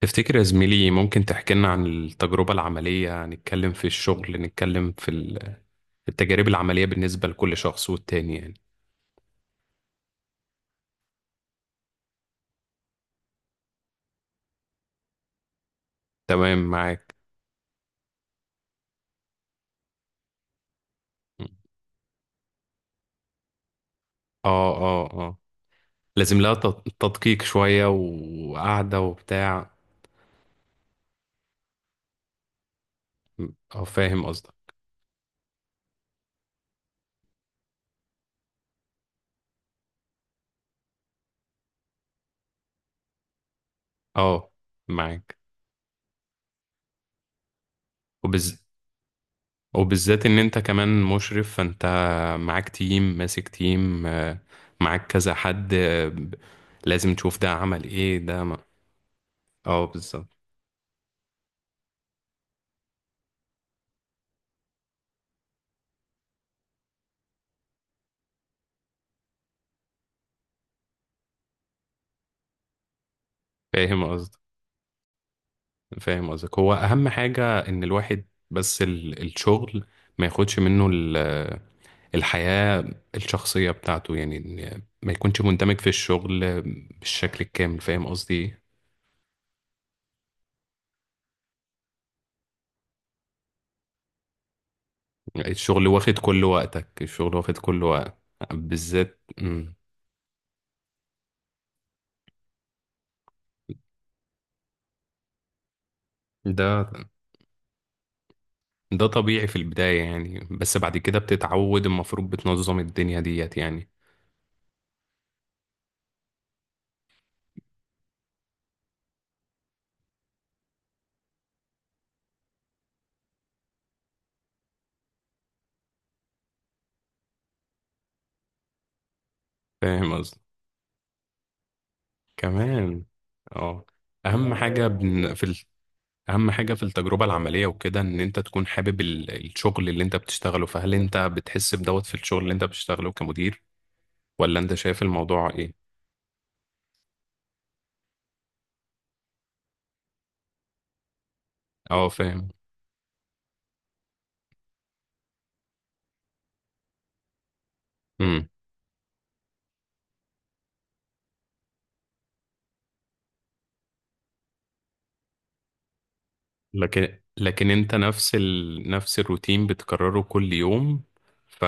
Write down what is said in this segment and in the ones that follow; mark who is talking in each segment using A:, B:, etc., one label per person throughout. A: تفتكر يا زميلي، ممكن تحكي لنا عن التجربة العملية؟ نتكلم في الشغل، نتكلم في التجارب العملية بالنسبة لكل شخص والتاني يعني. تمام معاك. اه، لازم لها تدقيق شوية وقعدة وبتاع. اه فاهم قصدك. اه معاك. وبز... وبالذات ان انت كمان مشرف، فانت معاك تيم، ماسك تيم معاك كذا حد، لازم تشوف ده عمل ايه، ده ما... اه بالظبط. فاهم قصدك فاهم قصدك، هو اهم حاجة ان الواحد بس الشغل ما ياخدش منه الحياة الشخصية بتاعته، يعني إن ما يكونش مندمج في الشغل بالشكل الكامل. فاهم قصدي إيه؟ الشغل واخد كل وقتك، الشغل واخد كل وقت. بالذات ده. ده طبيعي في البداية يعني، بس بعد كده بتتعود، المفروض بتنظم الدنيا ديت يعني. فاهم قصدي. كمان اه. في اهم حاجة في التجربة العملية وكده، ان انت تكون حابب الشغل اللي انت بتشتغله. فهل انت بتحس بدوت في الشغل اللي انت بتشتغله كمدير، ولا انت شايف الموضوع ايه؟ اه فاهم. امم. لكن انت نفس نفس الروتين بتكرره كل يوم، ف...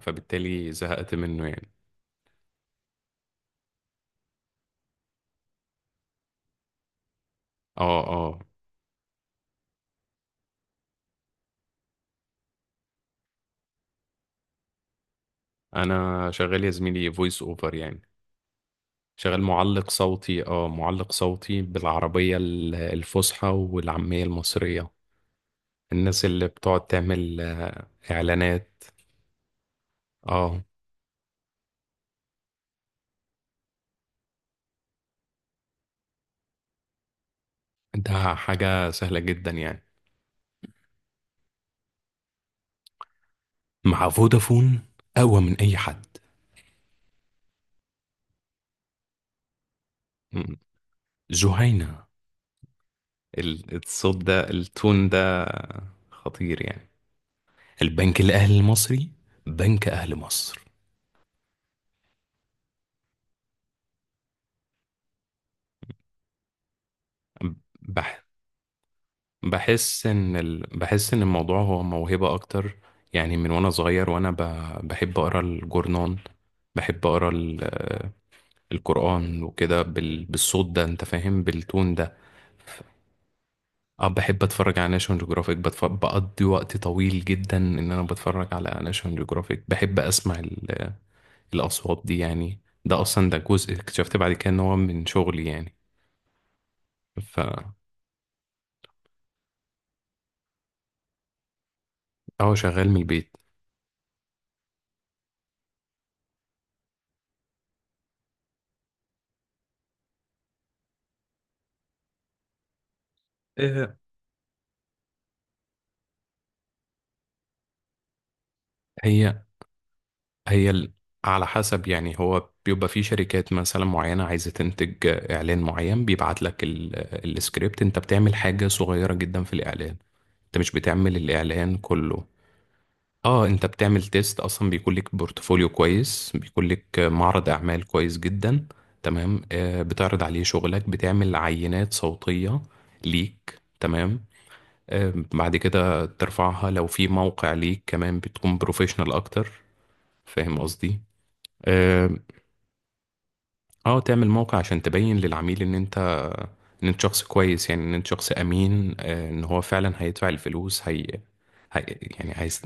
A: فبالتالي زهقت منه يعني. اه، انا شغال يا زميلي فويس اوفر يعني. شغال معلق صوتي. اه معلق صوتي بالعربية الفصحى والعامية المصرية. الناس اللي بتقعد تعمل اعلانات. اه، ده حاجة سهلة جدا يعني. مع فودافون، اقوى من اي حد. م. جهينة. الصوت ده، التون ده خطير يعني. البنك الاهلي المصري، بنك اهل مصر. بح بحس ان بحس ان الموضوع هو موهبة اكتر يعني. من وانا صغير وانا بحب اقرا الجورنان، بحب اقرا القرآن وكده بالصوت ده، انت فاهم، بالتون ده. اه بحب اتفرج على ناشونال جيوغرافيك. بقضي وقت طويل جدا ان انا بتفرج على ناشونال جيوغرافيك، بحب اسمع الاصوات دي يعني. ده اصلا ده جزء اكتشفت بعد كده ان هو من شغلي يعني. ف اه شغال من البيت. إيه، هي هي على حسب يعني، هو بيبقى في شركات مثلا معينة عايزة تنتج إعلان معين، بيبعت لك السكريبت، أنت بتعمل حاجة صغيرة جدا في الإعلان، أنت مش بتعمل الإعلان كله. اه انت بتعمل تيست اصلا، بيكون لك بورتفوليو كويس، بيكون لك معرض اعمال كويس جدا. تمام، آه بتعرض عليه شغلك، بتعمل عينات صوتية ليك، تمام. آه بعد كده ترفعها لو في موقع ليك كمان، بتكون بروفيشنال اكتر. فاهم قصدي. اه. آه، تعمل موقع عشان تبين للعميل ان انت، ان انت شخص كويس، يعني ان انت شخص امين. آه، ان هو فعلا هيدفع الفلوس. هي... يعني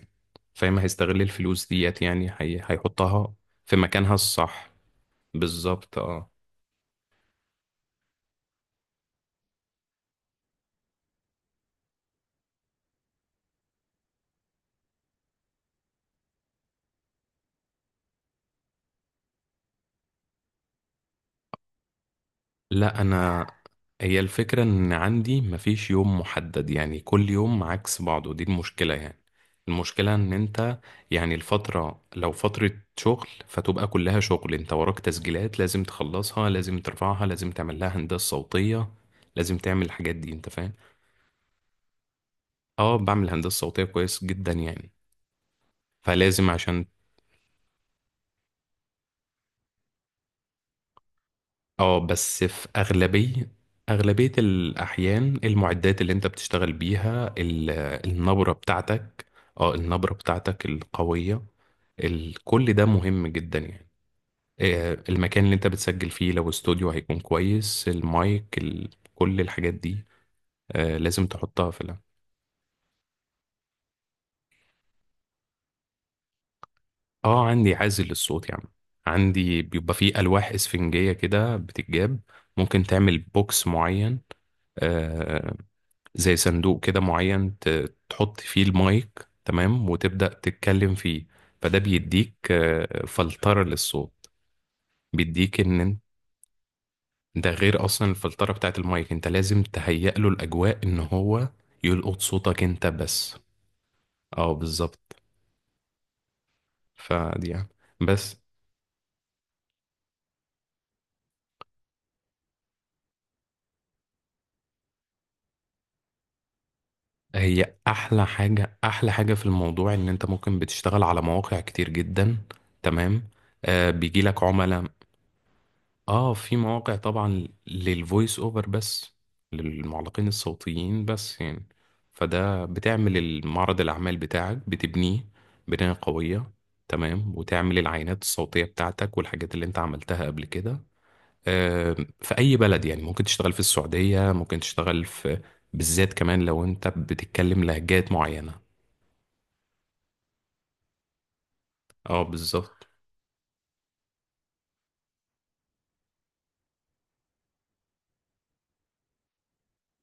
A: فاهم، هيستغل الفلوس ديت يعني. هيحطها في مكانها الصح. بالظبط اه. لا انا، هي الفكرة ان عندي مفيش يوم محدد يعني، كل يوم عكس بعضه، دي المشكلة يعني. المشكلة ان انت، يعني الفترة لو فترة شغل، فتبقى كلها شغل، انت وراك تسجيلات لازم تخلصها، لازم ترفعها، لازم تعمل لها هندسة صوتية، لازم تعمل الحاجات دي. انت فاهم. اه بعمل هندسة صوتية كويس جدا يعني. فلازم عشان اه. بس في أغلبية الأحيان، المعدات اللي أنت بتشتغل بيها، النبرة بتاعتك، اه النبرة بتاعتك القوية، كل ده مهم جدا يعني. آه، المكان اللي أنت بتسجل فيه لو استوديو هيكون كويس، المايك، كل الحاجات دي آه، لازم تحطها في اه. عندي عازل للصوت يعني، عندي بيبقى فيه ألواح إسفنجية كده بتتجاب. ممكن تعمل بوكس معين، آه، زي صندوق كده معين، تحط فيه المايك، تمام، وتبدأ تتكلم فيه. فده بيديك آه، فلترة للصوت، بيديك ده غير اصلا الفلترة بتاعت المايك. انت لازم تهيئ له الاجواء ان هو يلقط صوتك انت بس. اه بالظبط. فدي يعني. بس هي احلى حاجة، احلى حاجة في الموضوع ان انت ممكن بتشتغل على مواقع كتير جدا، تمام، آه بيجي لك عملاء. اه في مواقع طبعا للفويس اوفر بس، للمعلقين الصوتيين بس يعني. فده بتعمل المعرض الأعمال بتاعك، بتبنيه بناية قوية، تمام، وتعمل العينات الصوتية بتاعتك والحاجات اللي انت عملتها قبل كده. آه، في أي بلد يعني، ممكن تشتغل في السعودية، ممكن تشتغل في، بالذات كمان لو انت بتتكلم لهجات معينة. اه بالظبط.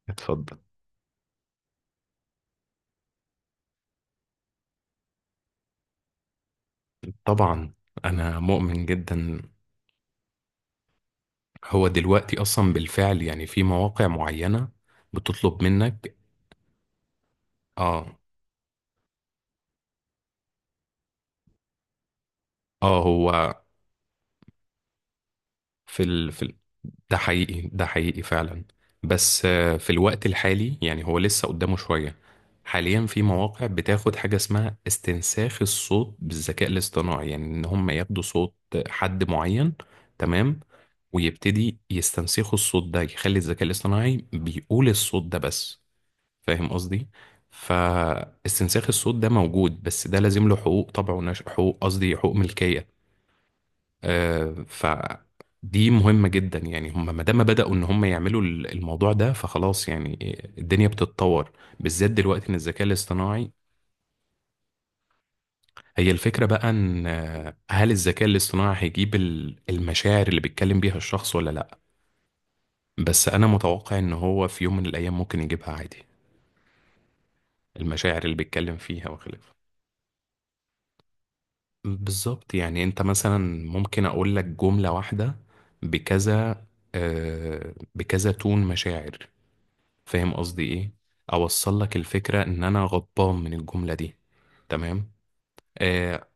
A: اتفضل. طبعا أنا مؤمن جدا. هو دلوقتي اصلا بالفعل يعني، في مواقع معينة بتطلب منك. اه اه هو في ده حقيقي، ده حقيقي فعلا. بس آه، في الوقت الحالي يعني هو لسه قدامه شوية. حاليا في مواقع بتاخد حاجة اسمها استنساخ الصوت بالذكاء الاصطناعي، يعني ان هم ياخدوا صوت حد معين، تمام، ويبتدي يستنسخوا الصوت ده، يخلي الذكاء الاصطناعي بيقول الصوت ده بس. فاهم قصدي. فاستنساخ الصوت ده موجود، بس ده لازم له حقوق طبع ونشر، حقوق قصدي حقوق ملكية. آه فدي مهمة جدا يعني. هم ما دام بدأوا ان هم يعملوا الموضوع ده، فخلاص يعني، الدنيا بتتطور، بالذات دلوقتي ان الذكاء الاصطناعي. هي الفكرة بقى ان آه، هل الذكاء الاصطناعي هيجيب المشاعر اللي بيتكلم بيها الشخص ولا لا؟ بس انا متوقع ان هو في يوم من الايام ممكن يجيبها عادي. المشاعر اللي بيتكلم فيها وخلافه. بالظبط، يعني انت مثلا ممكن اقول لك جملة واحدة بكذا آه بكذا تون مشاعر. فاهم قصدي ايه؟ اوصل لك الفكرة ان انا غضبان من الجملة دي. تمام. آه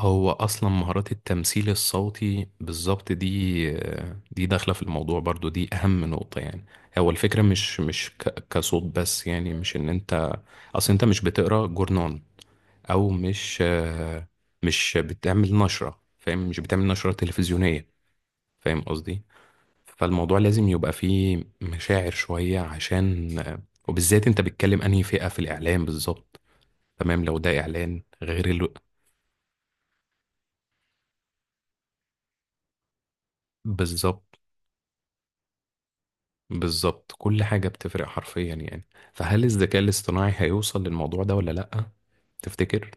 A: هو اصلا مهارات التمثيل الصوتي بالظبط، دي آه دي داخلة في الموضوع برضو، دي اهم نقطة يعني. هو الفكرة مش كصوت بس يعني، مش ان انت، اصل انت مش بتقرا جورنال او مش آه، مش بتعمل نشرة، فاهم، مش بتعمل نشرة تلفزيونية. فاهم قصدي. فالموضوع لازم يبقى فيه مشاعر شوية عشان آه، وبالذات انت بتتكلم انهي فئة في الاعلام بالظبط، تمام، لو ده اعلان غير بالظبط بالظبط كل حاجة بتفرق حرفيا يعني. فهل الذكاء الاصطناعي هيوصل للموضوع ده ولا لأ؟ تفتكر؟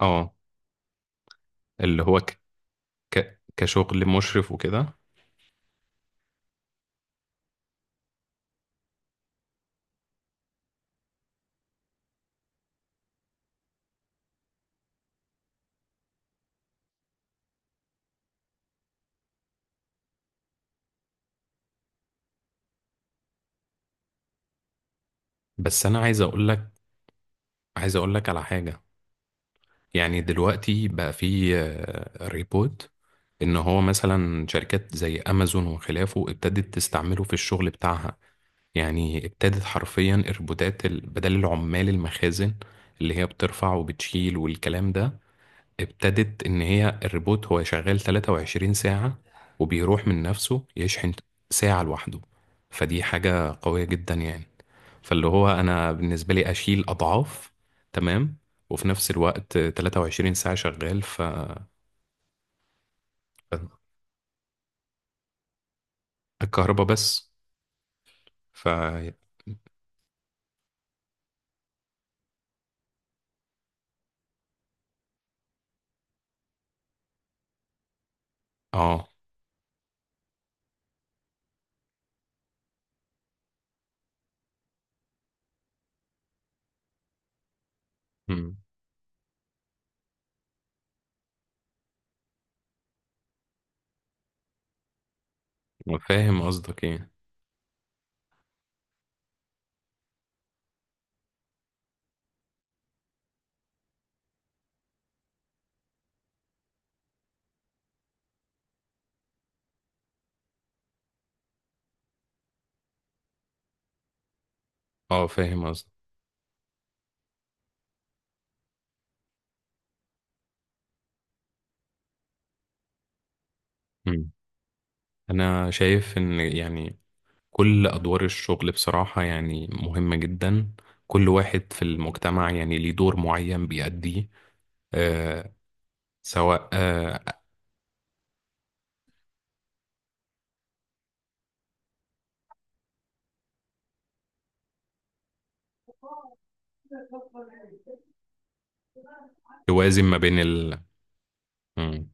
A: اه اللي هو كشغل مشرف وكده. بس انا عايز اقول لك، عايز اقول لك على حاجة. يعني دلوقتي بقى في آه، ريبوت، ان هو مثلا شركات زي امازون وخلافه ابتدت تستعمله في الشغل بتاعها، يعني ابتدت حرفيا الروبوتات بدل العمال المخازن، اللي هي بترفع وبتشيل والكلام ده، ابتدت ان هي الريبوت هو شغال 23 ساعة، وبيروح من نفسه يشحن ساعة لوحده. فدي حاجة قوية جدا يعني. فاللي هو انا بالنسبة لي اشيل اضعاف، تمام، وفي نفس الوقت 23 ساعة شغال. الكهرباء بس. ف اه مم. فاهم قصدك ايه. اه فاهم قصدك. مم. انا شايف ان يعني كل أدوار الشغل بصراحة يعني مهمة جدا، كل واحد في المجتمع يعني ليه دور معين بيأديه. آه سواء آه، توازن ما بين ال مم.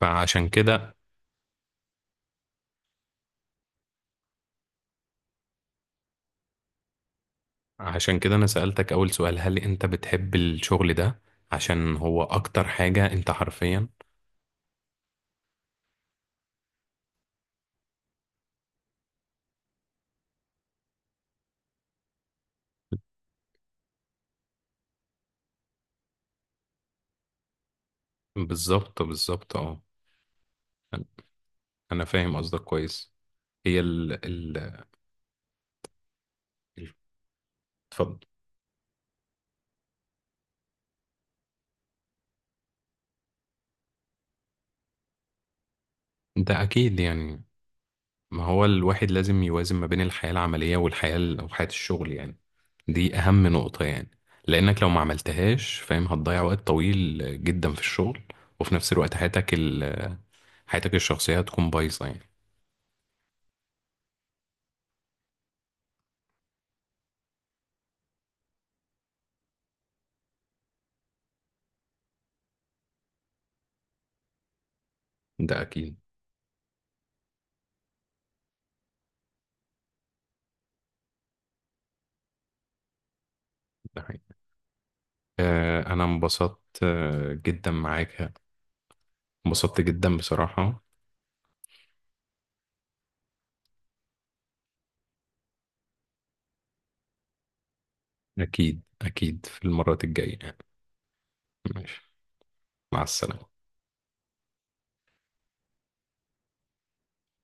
A: فعشان كده، عشان كده أنا سألتك أول سؤال، هل أنت بتحب الشغل ده؟ عشان هو أكتر حاجة أنت حرفيا. بالظبط أه. أنا أنا فاهم قصدك كويس. هي ال ال ال- اتفضل. ده أكيد يعني، ما هو الواحد لازم يوازن ما بين الحياة العملية والحياة أو حياة الشغل يعني. دي أهم نقطة يعني. لأنك لو ما عملتهاش، فاهم، هتضيع وقت طويل جدا في الشغل، وفي نفس الوقت حياتك حياتك الشخصية هتكون بايظة يعني. ده أكيد. ده حقيقي. آه، أنا انبسطت آه، جدا معاك، انبسطت جدا بصراحة. أكيد في المرات الجاية يعني. ماشي، مع السلامة.